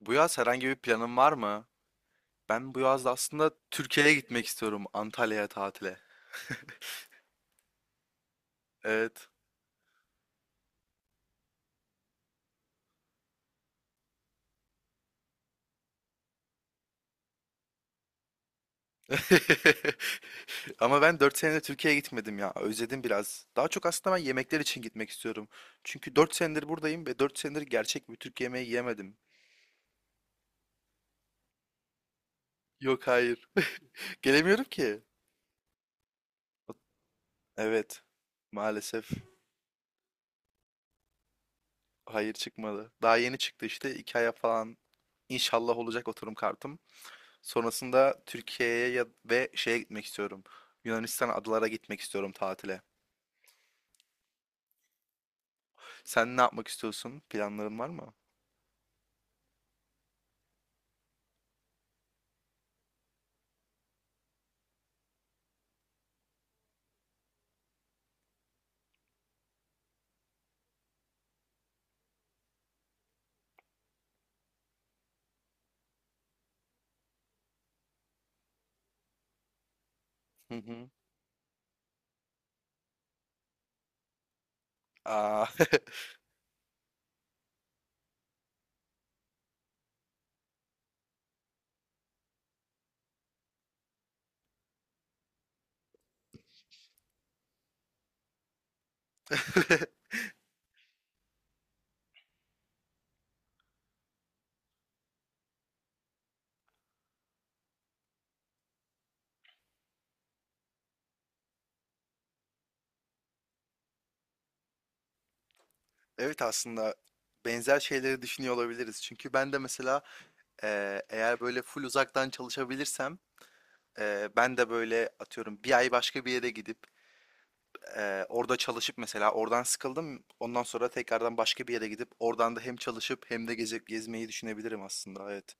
Bu yaz herhangi bir planın var mı? Ben bu yaz aslında Türkiye'ye gitmek istiyorum. Antalya'ya tatile. Evet. Ama ben 4 senedir Türkiye'ye gitmedim ya. Özledim biraz. Daha çok aslında ben yemekler için gitmek istiyorum. Çünkü 4 senedir buradayım ve 4 senedir gerçek bir Türk yemeği yemedim. Yok hayır. Gelemiyorum ki. Evet. Maalesef hayır çıkmadı. Daha yeni çıktı işte. 2 aya falan inşallah olacak oturum kartım. Sonrasında Türkiye'ye ya- ve şeye gitmek istiyorum. Yunanistan adalara gitmek istiyorum tatile. Sen ne yapmak istiyorsun? Planların var mı? Hı hı. Aa, evet aslında benzer şeyleri düşünüyor olabiliriz. Çünkü ben de mesela eğer böyle full uzaktan çalışabilirsem ben de böyle atıyorum bir ay başka bir yere gidip orada çalışıp mesela oradan sıkıldım. Ondan sonra tekrardan başka bir yere gidip oradan da hem çalışıp hem de gezip gezmeyi düşünebilirim aslında. Evet.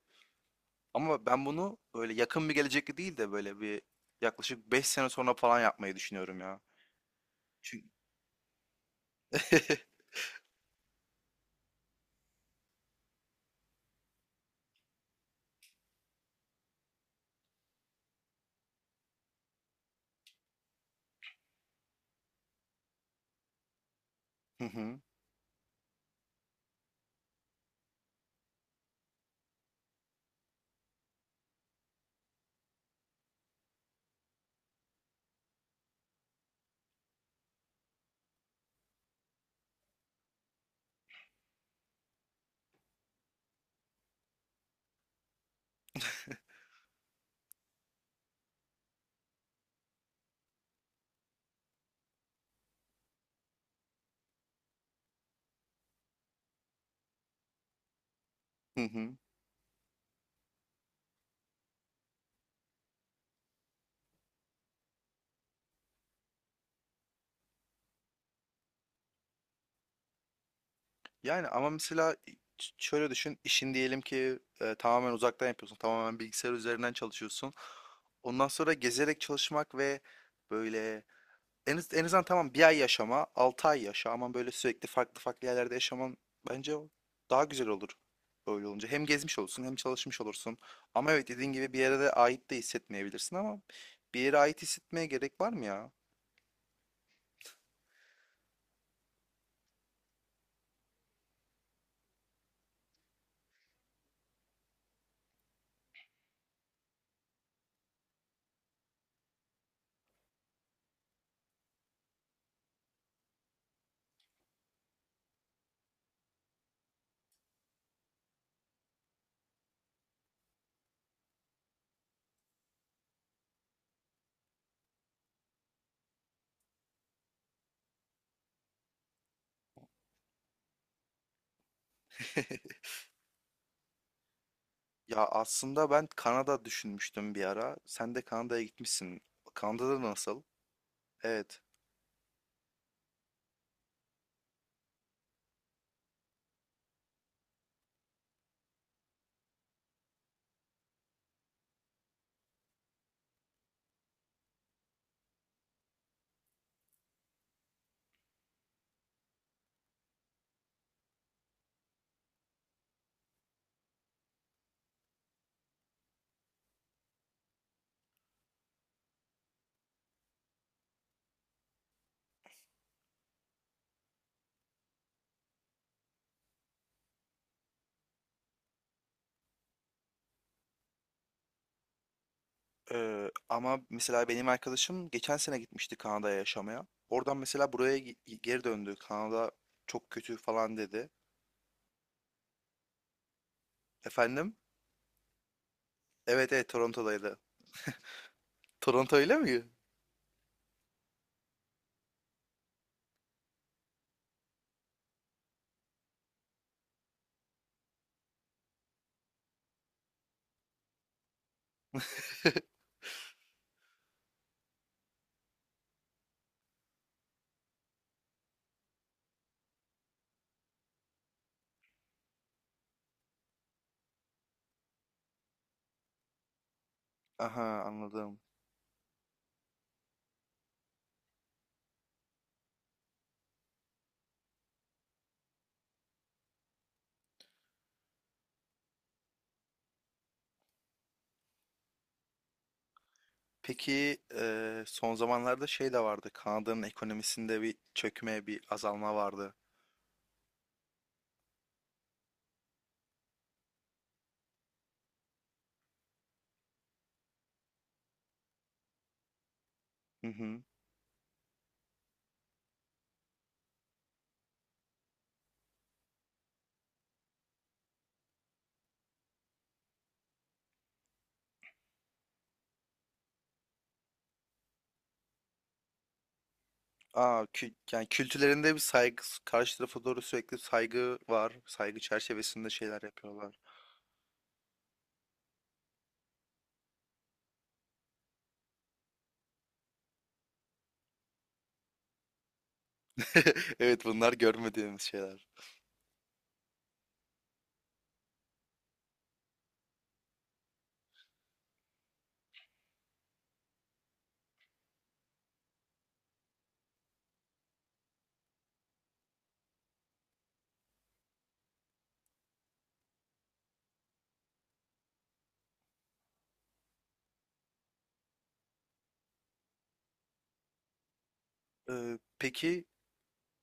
Ama ben bunu böyle yakın bir gelecekte değil de böyle bir yaklaşık 5 sene sonra falan yapmayı düşünüyorum ya. Çünkü Hı hı, hı hı. Yani ama mesela şöyle düşün, işin diyelim ki tamamen uzaktan yapıyorsun, tamamen bilgisayar üzerinden çalışıyorsun. Ondan sonra gezerek çalışmak ve böyle en azından tamam bir ay yaşama, altı ay yaşa ama böyle sürekli farklı farklı yerlerde yaşaman bence daha güzel olur. Böyle olunca hem gezmiş olursun hem çalışmış olursun. Ama evet dediğin gibi bir yere de ait de hissetmeyebilirsin ama bir yere ait hissetmeye gerek var mı ya? Ya aslında ben Kanada düşünmüştüm bir ara. Sen de Kanada'ya gitmişsin. Kanada'da nasıl? Evet. Ama mesela benim arkadaşım geçen sene gitmişti Kanada'ya yaşamaya. Oradan mesela buraya geri döndü. Kanada çok kötü falan dedi. Efendim? Evet evet Toronto'daydı. Toronto öyle mi? Aha anladım. Peki son zamanlarda şey de vardı. Kanada'nın ekonomisinde bir çökme, bir azalma vardı. Hı hı. Aa, yani kültürlerinde bir saygı, karşı tarafa doğru sürekli saygı var. Saygı çerçevesinde şeyler yapıyorlar. Evet bunlar görmediğimiz şeyler. Peki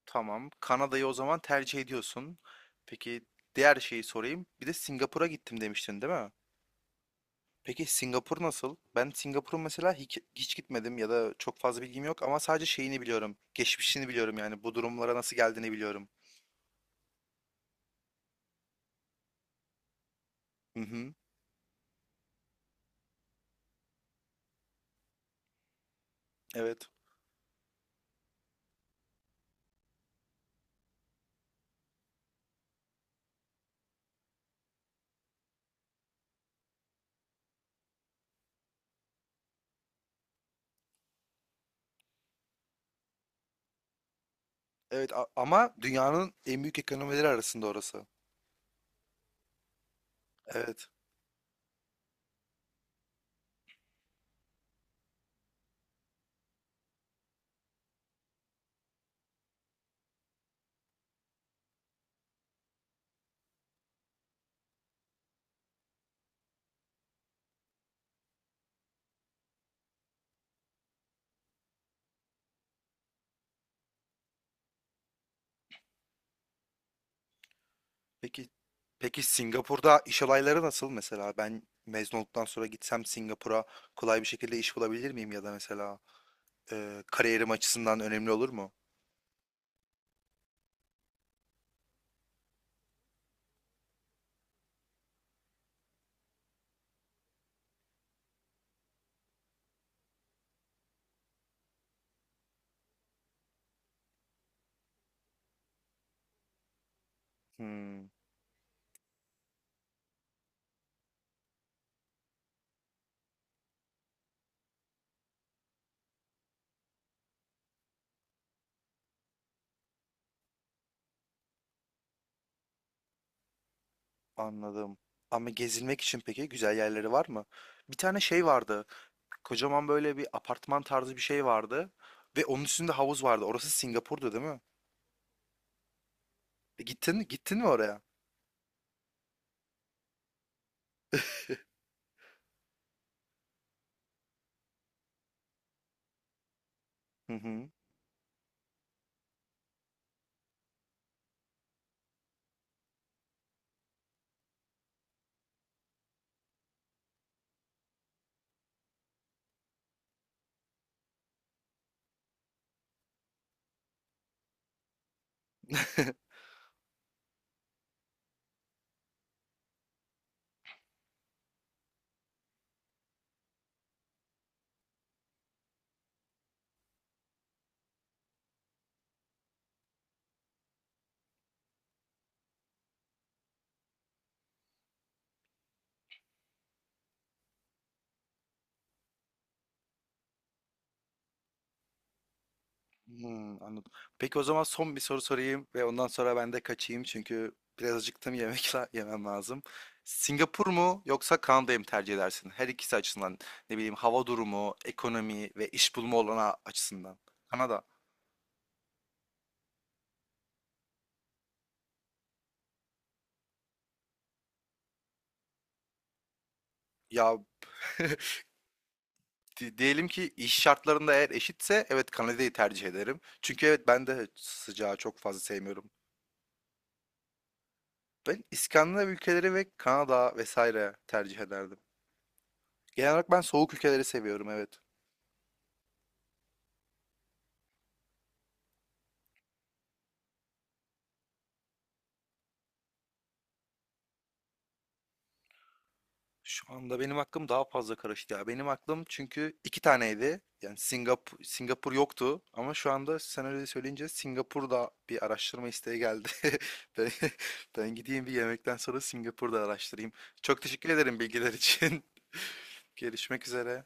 tamam. Kanada'yı o zaman tercih ediyorsun. Peki diğer şeyi sorayım. Bir de Singapur'a gittim demiştin değil mi? Peki Singapur nasıl? Ben Singapur'un mesela hiç gitmedim ya da çok fazla bilgim yok ama sadece şeyini biliyorum. Geçmişini biliyorum yani bu durumlara nasıl geldiğini biliyorum. Hı hı. Evet. Evet ama dünyanın en büyük ekonomileri arasında orası. Evet. Peki peki Singapur'da iş olayları nasıl mesela? Ben mezun olduktan sonra gitsem Singapur'a kolay bir şekilde iş bulabilir miyim ya da mesela kariyerim açısından önemli olur mu? Hmm, anladım. Ama gezilmek için peki güzel yerleri var mı? Bir tane şey vardı. Kocaman böyle bir apartman tarzı bir şey vardı. Ve onun üstünde havuz vardı. Orası Singapur'du değil mi? Gittin mi oraya? Hı hı. Hmm, anladım. Peki o zaman son bir soru sorayım ve ondan sonra ben de kaçayım çünkü biraz acıktım yemem lazım. Singapur mu yoksa Kanada'yı mı tercih edersin? Her ikisi açısından ne bileyim hava durumu, ekonomi ve iş bulma olanağı açısından. Kanada. Ya diyelim ki iş şartlarında eğer eşitse evet Kanada'yı tercih ederim. Çünkü evet ben de sıcağı çok fazla sevmiyorum. Ben İskandinav ülkeleri ve Kanada vesaire tercih ederdim. Genel olarak ben soğuk ülkeleri seviyorum evet. Şu anda benim aklım daha fazla karıştı ya. Benim aklım çünkü iki taneydi. Yani Singapur yoktu ama şu anda sen öyle söyleyince Singapur'da bir araştırma isteği geldi. Ben, ben gideyim bir yemekten sonra Singapur'da araştırayım. Çok teşekkür ederim bilgiler için. Görüşmek üzere.